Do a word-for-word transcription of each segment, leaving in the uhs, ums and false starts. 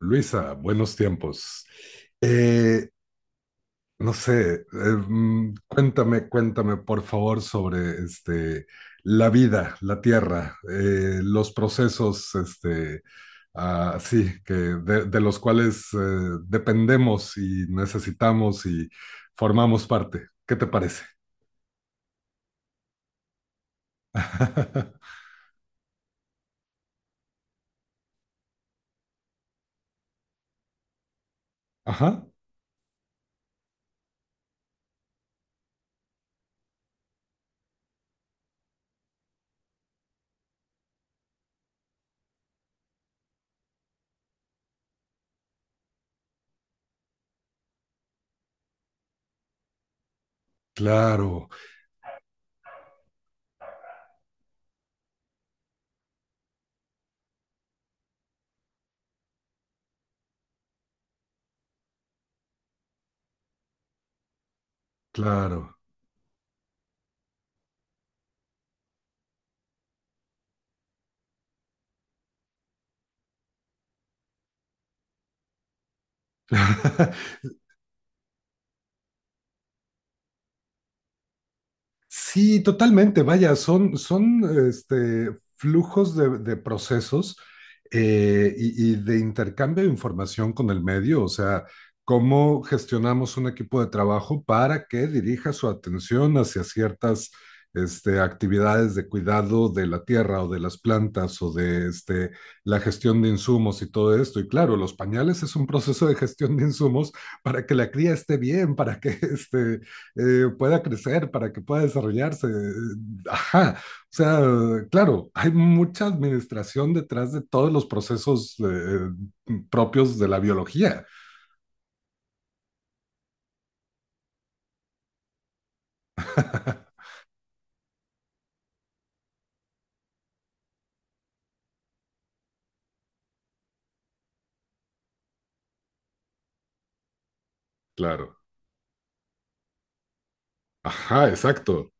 Luisa, buenos tiempos. Eh, no sé, eh, mm, cuéntame, cuéntame por favor sobre este, la vida, la tierra, eh, los procesos, este, ah, sí, que de, de los cuales eh, dependemos y necesitamos y formamos parte. ¿Qué te parece? Ajá, claro, claro. Sí, totalmente. Vaya, son, son este, flujos de, de procesos eh, y, y de intercambio de información con el medio. O sea, cómo gestionamos un equipo de trabajo para que dirija su atención hacia ciertas este, actividades de cuidado de la tierra o de las plantas o de este, la gestión de insumos y todo esto. Y claro, los pañales es un proceso de gestión de insumos para que la cría esté bien, para que este, eh, pueda crecer, para que pueda desarrollarse. Ajá, o sea, claro, hay mucha administración detrás de todos los procesos eh, propios de la biología. Claro, ajá, exacto.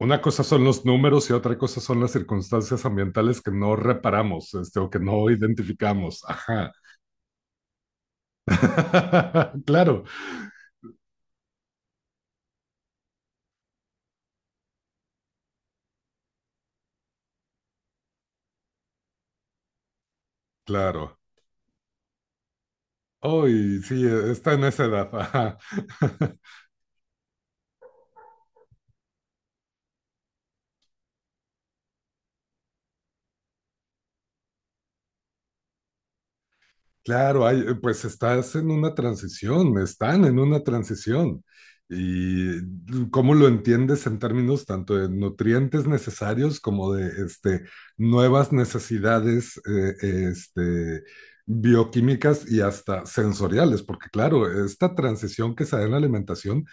Una cosa son los números y otra cosa son las circunstancias ambientales que no reparamos, este, o que no identificamos. Ajá. Claro, claro. Hoy sí, está en esa edad. Ajá. Claro, hay, eh, pues estás en una transición, están en una transición. Y mm, Cómo lo entiendes en términos tanto de nutrientes necesarios como de este, nuevas necesidades eh, este, bioquímicas y hasta sensoriales, porque claro, esta transición que se da en la alimentación,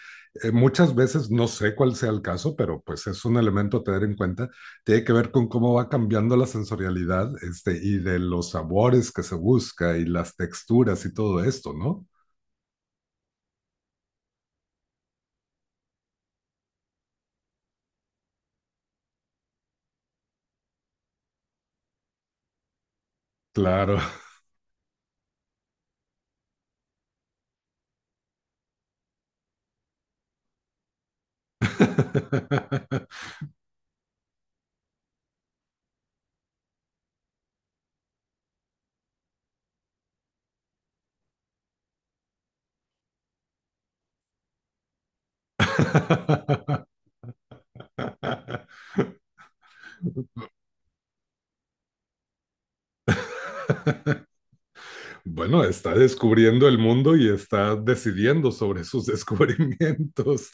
eh, muchas veces, no sé cuál sea el caso, pero pues es un elemento a tener en cuenta, tiene que ver con cómo va cambiando la sensorialidad, este, y de los sabores que se busca y las texturas y todo esto, ¿no? Claro. Bueno, está descubriendo el mundo y está decidiendo sobre sus descubrimientos.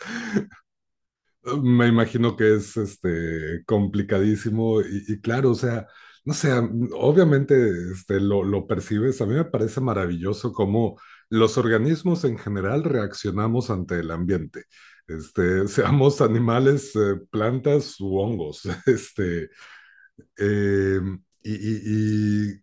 Me imagino que es este, complicadísimo y, y claro, o sea, no sé, obviamente este, lo, lo percibes, a mí me parece maravilloso cómo los organismos en general reaccionamos ante el ambiente, este, seamos animales, eh, plantas u hongos, este, eh, y, y, y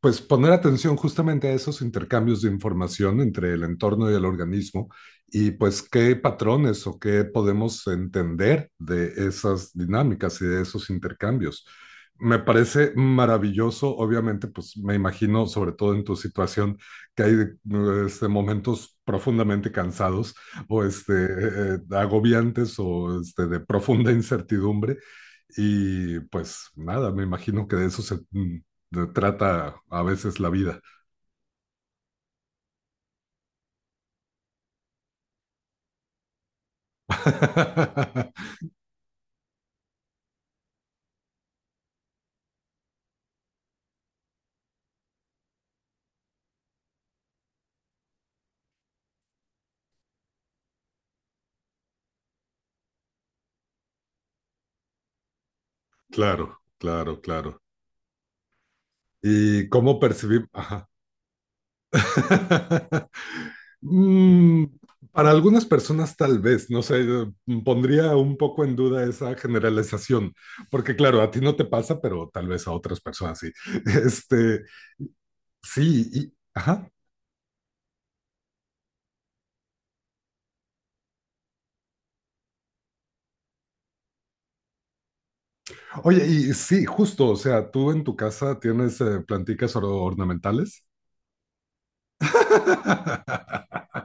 pues poner atención justamente a esos intercambios de información entre el entorno y el organismo y pues qué patrones o qué podemos entender de esas dinámicas y de esos intercambios. Me parece maravilloso, obviamente, pues me imagino, sobre todo en tu situación, que hay este, momentos profundamente cansados o este, eh, eh, agobiantes o este, de profunda incertidumbre y pues nada, me imagino que de eso se mm, de- trata a veces la vida. Claro, claro, claro. ¿Y cómo percibimos? Ajá. Mm, para algunas personas tal vez, no sé, eh, pondría un poco en duda esa generalización, porque claro, a ti no te pasa, pero tal vez a otras personas sí. Este, sí, y, ajá. Oye, y sí, justo, o sea, tú en tu casa tienes eh, planticas or- ornamentales.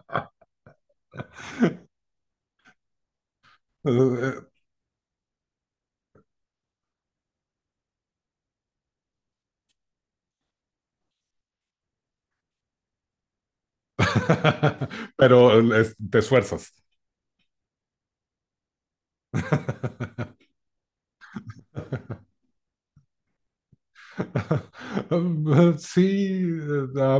Pero es- te esfuerzas. Sí, eh, ah,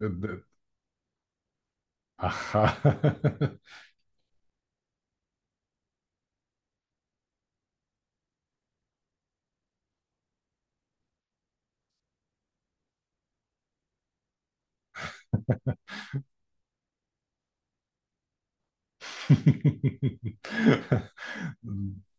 de- ajá.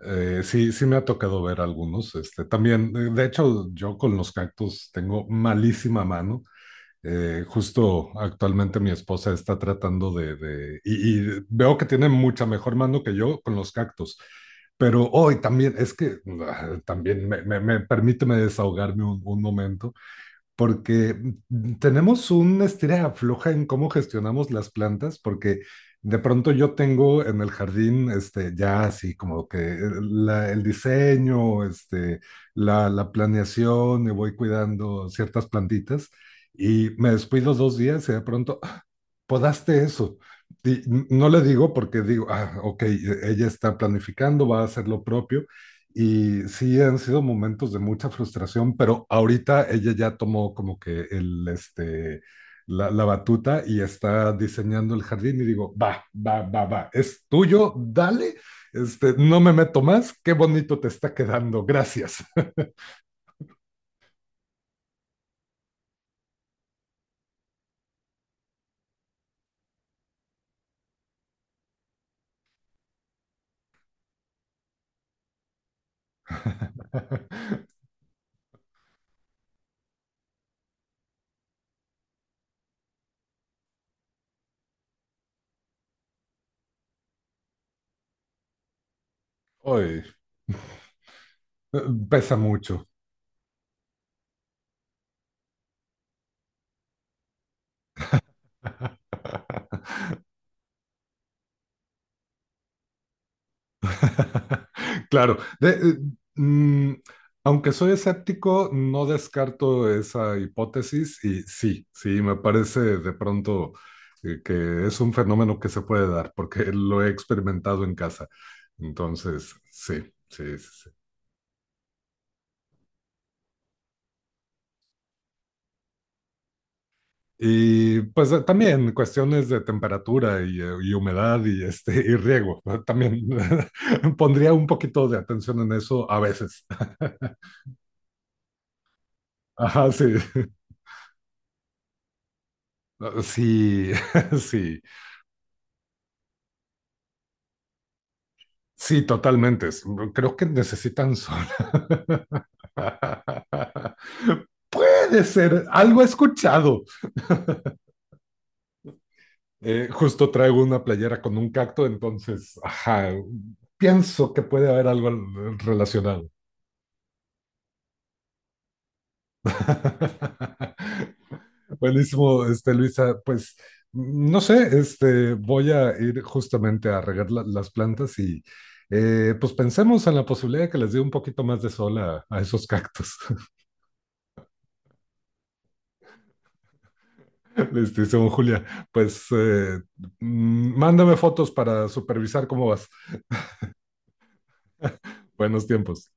Eh, sí, sí me ha tocado ver algunos. Este, también, de de hecho, yo con los cactus tengo malísima mano. Eh, justo actualmente mi esposa está tratando de, de- y, y veo que tiene mucha mejor mano que yo con los cactus, pero hoy también es que ah, también me, me, me- permíteme desahogarme un, un momento porque tenemos un estira y afloja en cómo gestionamos las plantas, porque de pronto yo tengo en el jardín, este, ya así como que eh, la- el diseño, este, la, la planeación, y voy cuidando ciertas plantitas y me descuido dos días y de pronto, podaste eso. Y no le digo porque digo, ah, ok, ella está planificando, va a hacer lo propio. Y sí, han sido momentos de mucha frustración, pero ahorita ella ya tomó como que el, este, la, la batuta y está diseñando el jardín y digo, va, va, va, va, es tuyo, dale, este, no me meto más, qué bonito te está quedando, gracias. Hoy pesa mucho. Claro. De- eh, mm, Aunque soy escéptico, no descarto esa hipótesis y sí, sí, me parece de pronto eh, que es un fenómeno que se puede dar porque lo he experimentado en casa. Entonces, sí, sí, sí. sí. Y pues eh, también cuestiones de temperatura y, eh, y humedad y, este, y riego. ¿No? También pondría un poquito de atención en eso a veces. Ajá, sí. Ah, sí, sí, sí, totalmente. Es- mm, Creo que necesitan sol. Puede ser, algo he escuchado. Eh, justo traigo una playera con un cacto, entonces, ajá, pienso que puede haber algo al- eh, relacionado. Buenísimo, este, Luisa, pues mm, no sé, este, voy a ir justamente a regar la- las plantas y eh, pues pensemos en la posibilidad de que les dé un poquito más de sol a, a esos cactus. Les dice un Julia, pues eh, mm, mándame fotos para supervisar cómo vas. Buenos tiempos.